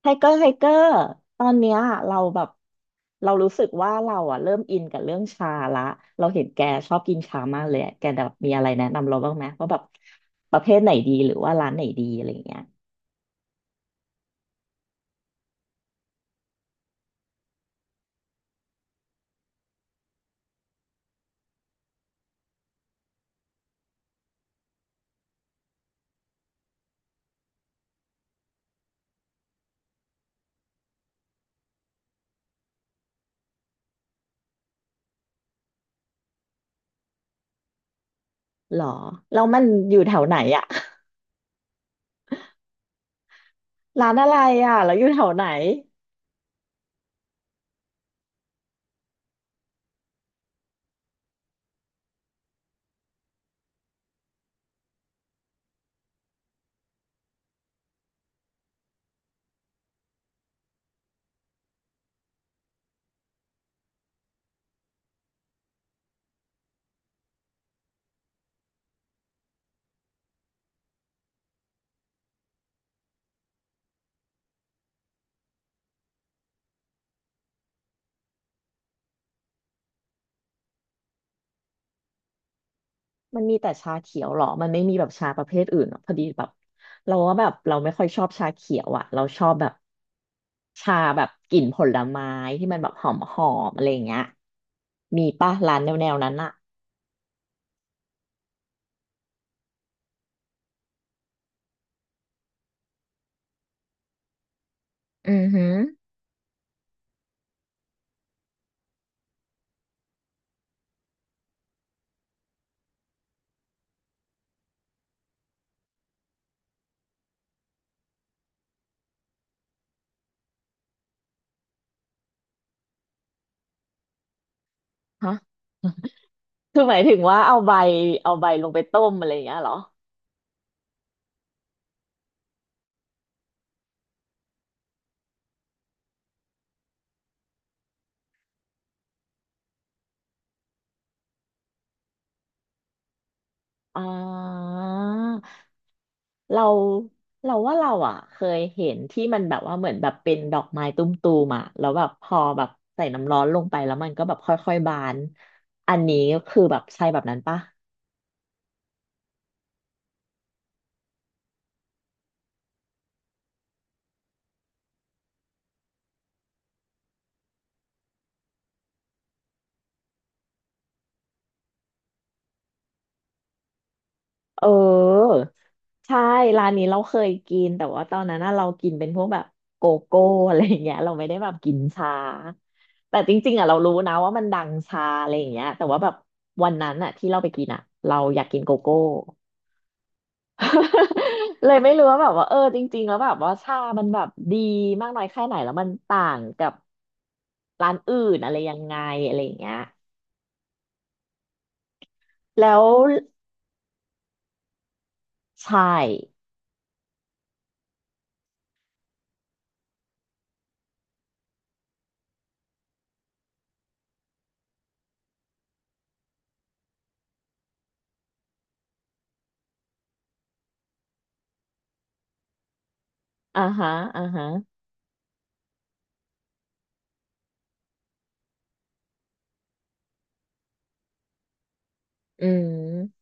ไทเกอร์ไทเกอร์ตอนเนี้ยเราแบบเรารู้สึกว่าเราอ่ะเริ่มอินกับเรื่องชาละเราเห็นแกชอบกินชามากเลยอะแกแบบมีอะไรแนะนำเราบ้างไหมว่าแบบประเภทไหนดีหรือว่าร้านไหนดีอะไรอย่างเงี้ยหรอแล้วมันอยู่แถวไหนอ่ะ ร้านอะไรอ่ะแล้วอยู่แถวไหนมันมีแต่ชาเขียวหรอมันไม่มีแบบชาประเภทอื่นหรอพอดีแบบเราว่าแบบเราไม่ค่อยชอบชาเขียวอ่ะเราชอบแบบ ชาแบบกลิ่นผลไม้ที่มันแบบหอมหอมอะไรอย่างเงี้ยมีป่ะร้านแนวแนวนั้นอะอือหือฮะคือหมายถึงว่าเอาใบเอาใบลงไปต้มอะไรอย่างเงี้ยเหรออ่าเราเราว่าเราอะเคยเห็นที่มันแบบว่าเหมือนแบบเป็นดอกไม้ตุ้มตูมอะแล้วแบบพอแบบใส่น้ำร้อนลงไปแล้วมันก็แบบค่อยๆบานอันนี้คือแบบใช่แบบนั้นป่ะ เออใช่ร้านนี้เราเคยกินแต่ว่าตอนนั้นน่ะเรากินเป็นพวกแบบโกโก้อะไรอย่างเงี้ยเราไม่ได้แบบกินชาแต่จริงๆอ่ะเรารู้นะว่ามันดังชาอะไรอย่างเงี้ยแต่ว่าแบบวันนั้นอ่ะที่เราไปกินอ่ะเราอยากกินโกโก้ เลยไม่รู้ว่าแบบว่าเออจริงๆแล้วแบบว่าชามันแบบดีมากน้อยแค่ไหนแล้วมันต่างกับร้านอื่นอะไรยังไงอะไรอย่างเงี้ยแล้วใช่อ่าฮะอ่าฮะอืม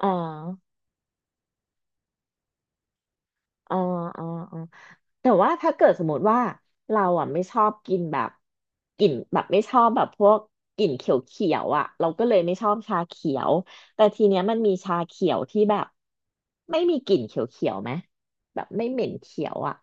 อ่า อ๋ออ๋ออ๋อแต่ว่าถ้าเกิดสมมติว่าเราอ่ะไม่ชอบกินแบบกลิ่นแบบไม่ชอบแบบพวกกลิ่นเขียวเขียวอ่ะเราก็เลยไม่ชอบชาเขียวแต่ทีเนี้ยมันมีชาเขียวที่แบบไม่มีกลิ่นเขียวเขียวไหมแบบไม่เหม็นเขียวอ่ะ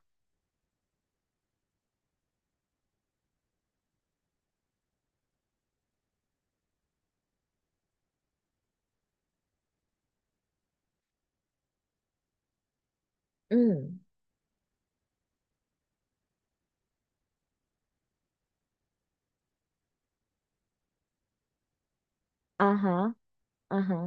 อืมอ่าฮะอ่าฮะ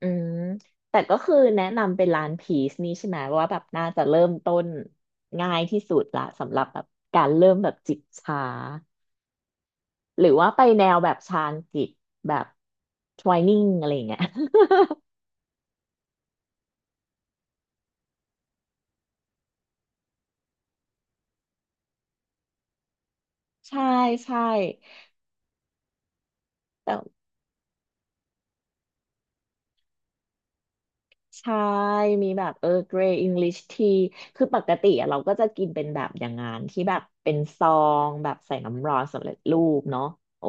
อืมแต่ก็คือแนะนำเป็นร้านพีซนี่ใช่ไหมว่าแบบน่าจะเริ่มต้นง่ายที่สุดละสำหรับแบบการเริ่มแบบจิบชา หรือว่าไปแนวแบบชาญกิจแบบทไวายนิ่งอะไรอย่างเงี้ย ใช่ใช่แต่ใช่มีแบบเออเกรย์อังกฤษทีคือปกติอะเราก็จะกินเป็นแบบอย่างงานที่แบบเป็นซองแบบใส่น้ำร้อนสำเร็จรูปเนาะโอ้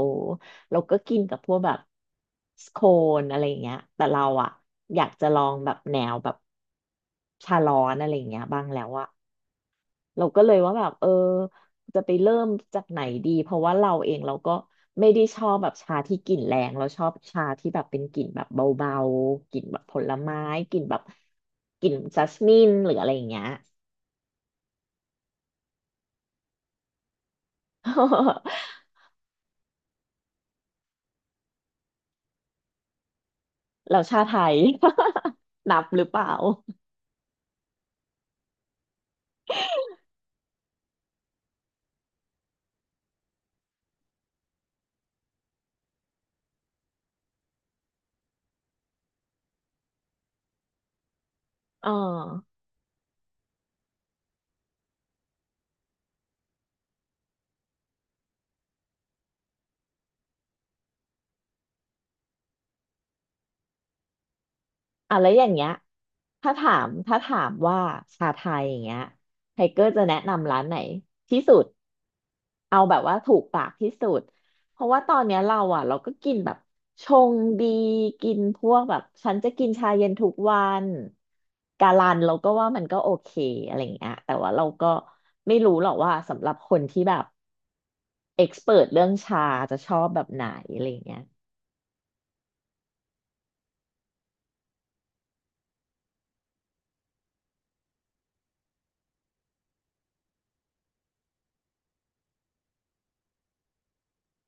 เราก็กินกับพวกแบบสโคนอะไรอย่างเงี้ยแต่เราอะอยากจะลองแบบแนวแบบชาร้อนอะไรอย่างเงี้ยบ้างแล้วอะ เราก็เลยว่าแบบเออจะไปเริ่มจากไหนดีเพราะว่าเราเองเราก็ไม่ได้ชอบแบบชาที่กลิ่นแรงเราชอบชาที่แบบเป็นกลิ่นแบบเบาๆกลิ่นแบบผลไม้กลิ่นแบบกลิ่นจัสมินหรืออะไรอย่างเงี้ย เราชาไทย นับหรือเปล่าอ๋ออ่ะแล้วอย่างเงี้ยถ้าถามว่าชาไทยอย่างเงี้ยไทเกอร์จะแนะนำร้านไหนที่สุด เอาแบบว่าถูกปากที่สุดเพราะว่าตอนเนี้ยเราอ่ะเราก็กินแบบชงดีกินพวกแบบฉันจะกินชาเย็นทุกวันกาลันเราก็ว่ามันก็โอเคอะไรอย่างเงี้ยแต่ว่าเราก็ไม่รู้หรอกว่าสำหรับคนที่แบบเอ็กซ์เเรื่องชาจะชอบแบบไหนอะไรอย่างเงี้ย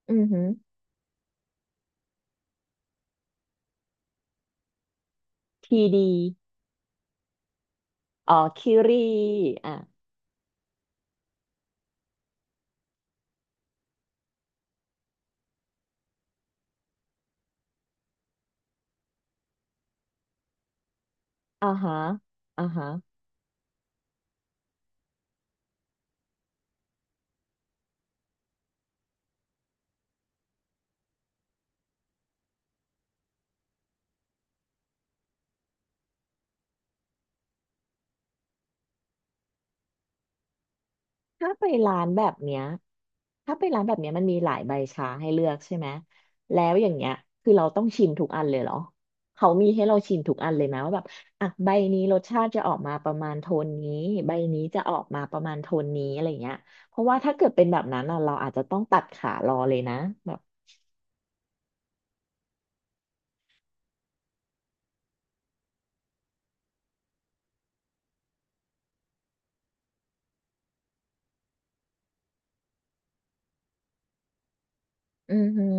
อือหือทีดีอ๋อคิรีอ่ะอ่าฮะอ่าฮะ ถ้าไปร้านแบบเนี้ยถ้าไปร้านแบบเนี้ยมันมีหลายใบชาให้เลือกใช่ไหมแล้วอย่างเงี้ยคือเราต้องชิมทุกอันเลยเหรอเขามีให้เราชิมทุกอันเลยไหมว่าแบบอ่ะใบนี้รสชาติจะออกมาประมาณโทนนี้ใบนี้จะออกมาประมาณโทนนี้อะไรเงี้ยเพราะว่าถ้าเกิดเป็นแบบนั้นอ่ะเราอาจจะต้องตัดขารอเลยนะแบบอือหือ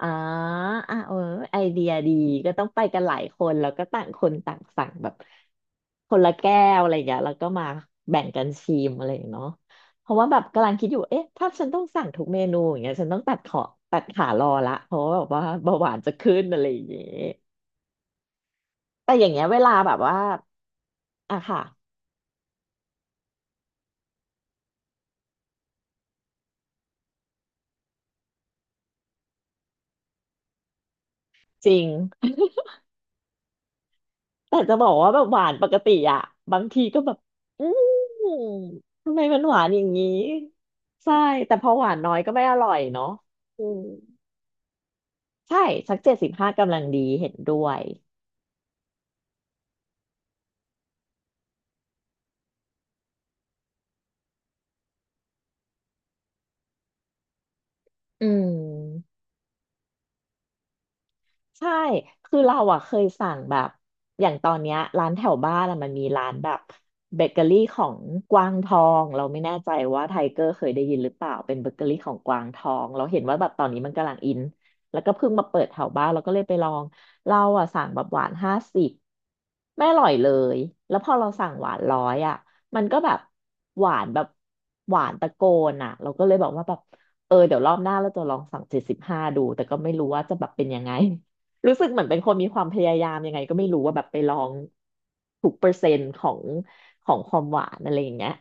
อ๋ออ่ะเออไอเดียดีก็ต้องไปกันหลายคนแล้วก็ต่างคนต่างสั่งแบบคนละแก้วอะไรอย่างเงี้ยแล้วก็มาแบ่งกันชิมอะไรอย่างเงี้ยเนาะเพราะว่าแบบกำลังคิดอยู่เอ๊ะถ้าฉันต้องสั่งทุกเมนูอย่างเงี้ยฉันต้องตัดขารอละเพราะว่าแบบว่าเบาหวานจะขึ้นอะไรอย่างเงี้ยแต่อย่างเงี้ยเวลาแบบว่าอ่ะค่ะจริง แต่จะบอกว่าแบบหวานปกติอะบางทีก็แบบอืมทำไมมันหวานอย่างนี้ใช่แต่พอหวานน้อยก็ไม่อร่อยเนาะอืมใช่สักเจ็ดสิบห้ากำลังดีเห็นด้วยอืม ใช่ คือเราอ่ะเคยสั่งแบบอย่างตอนเนี้ยร้านแถวบ้านอะมันมีร้านแบบเบเกอรี่ของกวางทองเราไม่แน่ใจว่าไทเกอร์เคยได้ยินหรือเปล่าเป็นเบเกอรี่ของกวางทองเราเห็นว่าแบบตอนนี้มันกำลังอินแล้วก็เพิ่งมาเปิดแถวบ้านเราก็เลยไปลอง เราอ่ะสั่งแบบหวาน50ไม่อร่อยเลย แล้วพอเราสั่งหวาน100อ่ะมันก็แบบหวานแบบหวานตะโกนอ่ะเราก็เลยบอกว่าแบบเออเดี๋ยวรอบหน้าเราจะลองสั่งเจ็ดสิบห้าดูแต่ก็ไม่รู้ว่าจะแบบเป็นยังไง รู้สึกเหมือนเป็นคนมีความพยายามยังไงก็ไม่รู้ว่าแบบไปลองทุกเปอร์เซ็นต์ของความหวานอะไรอย่างเงี้ย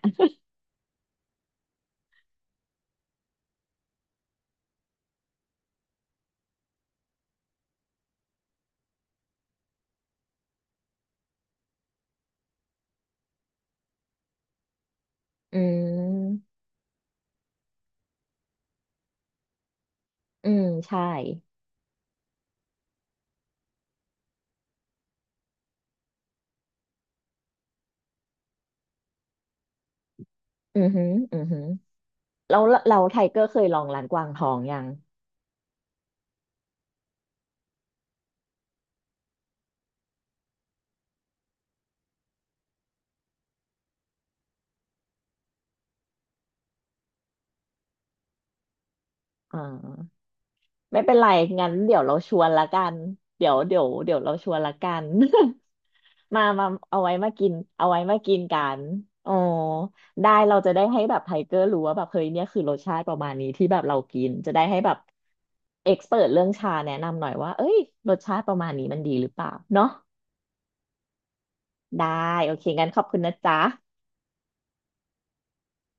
อืมอืมใช่ อือหืออือหือแล้วเราไทเกอร์เคยลองร้านกวางทองยังอ่า ไม่เป็นไรงั้นเดี๋ยวเราชวนละกันเดี๋ยวเราชวนละกัน มามาเอาไว้มากินเอาไว้มากินกันอ๋อได้เราจะได้ให้แบบไทเกอร์รู้ว่าแบบเฮ้ยเนี่ยคือรสชาติประมาณนี้ที่แบบเรากินจะได้ให้แบบเอ็กซ์เเรื่องชาแนะนำหน่อยว่าเอ้ยรสชาติประมาณนี้มันดีหรือเปล่าเนาะได้โอเคงั้นขอบคุณนะจ๊ะ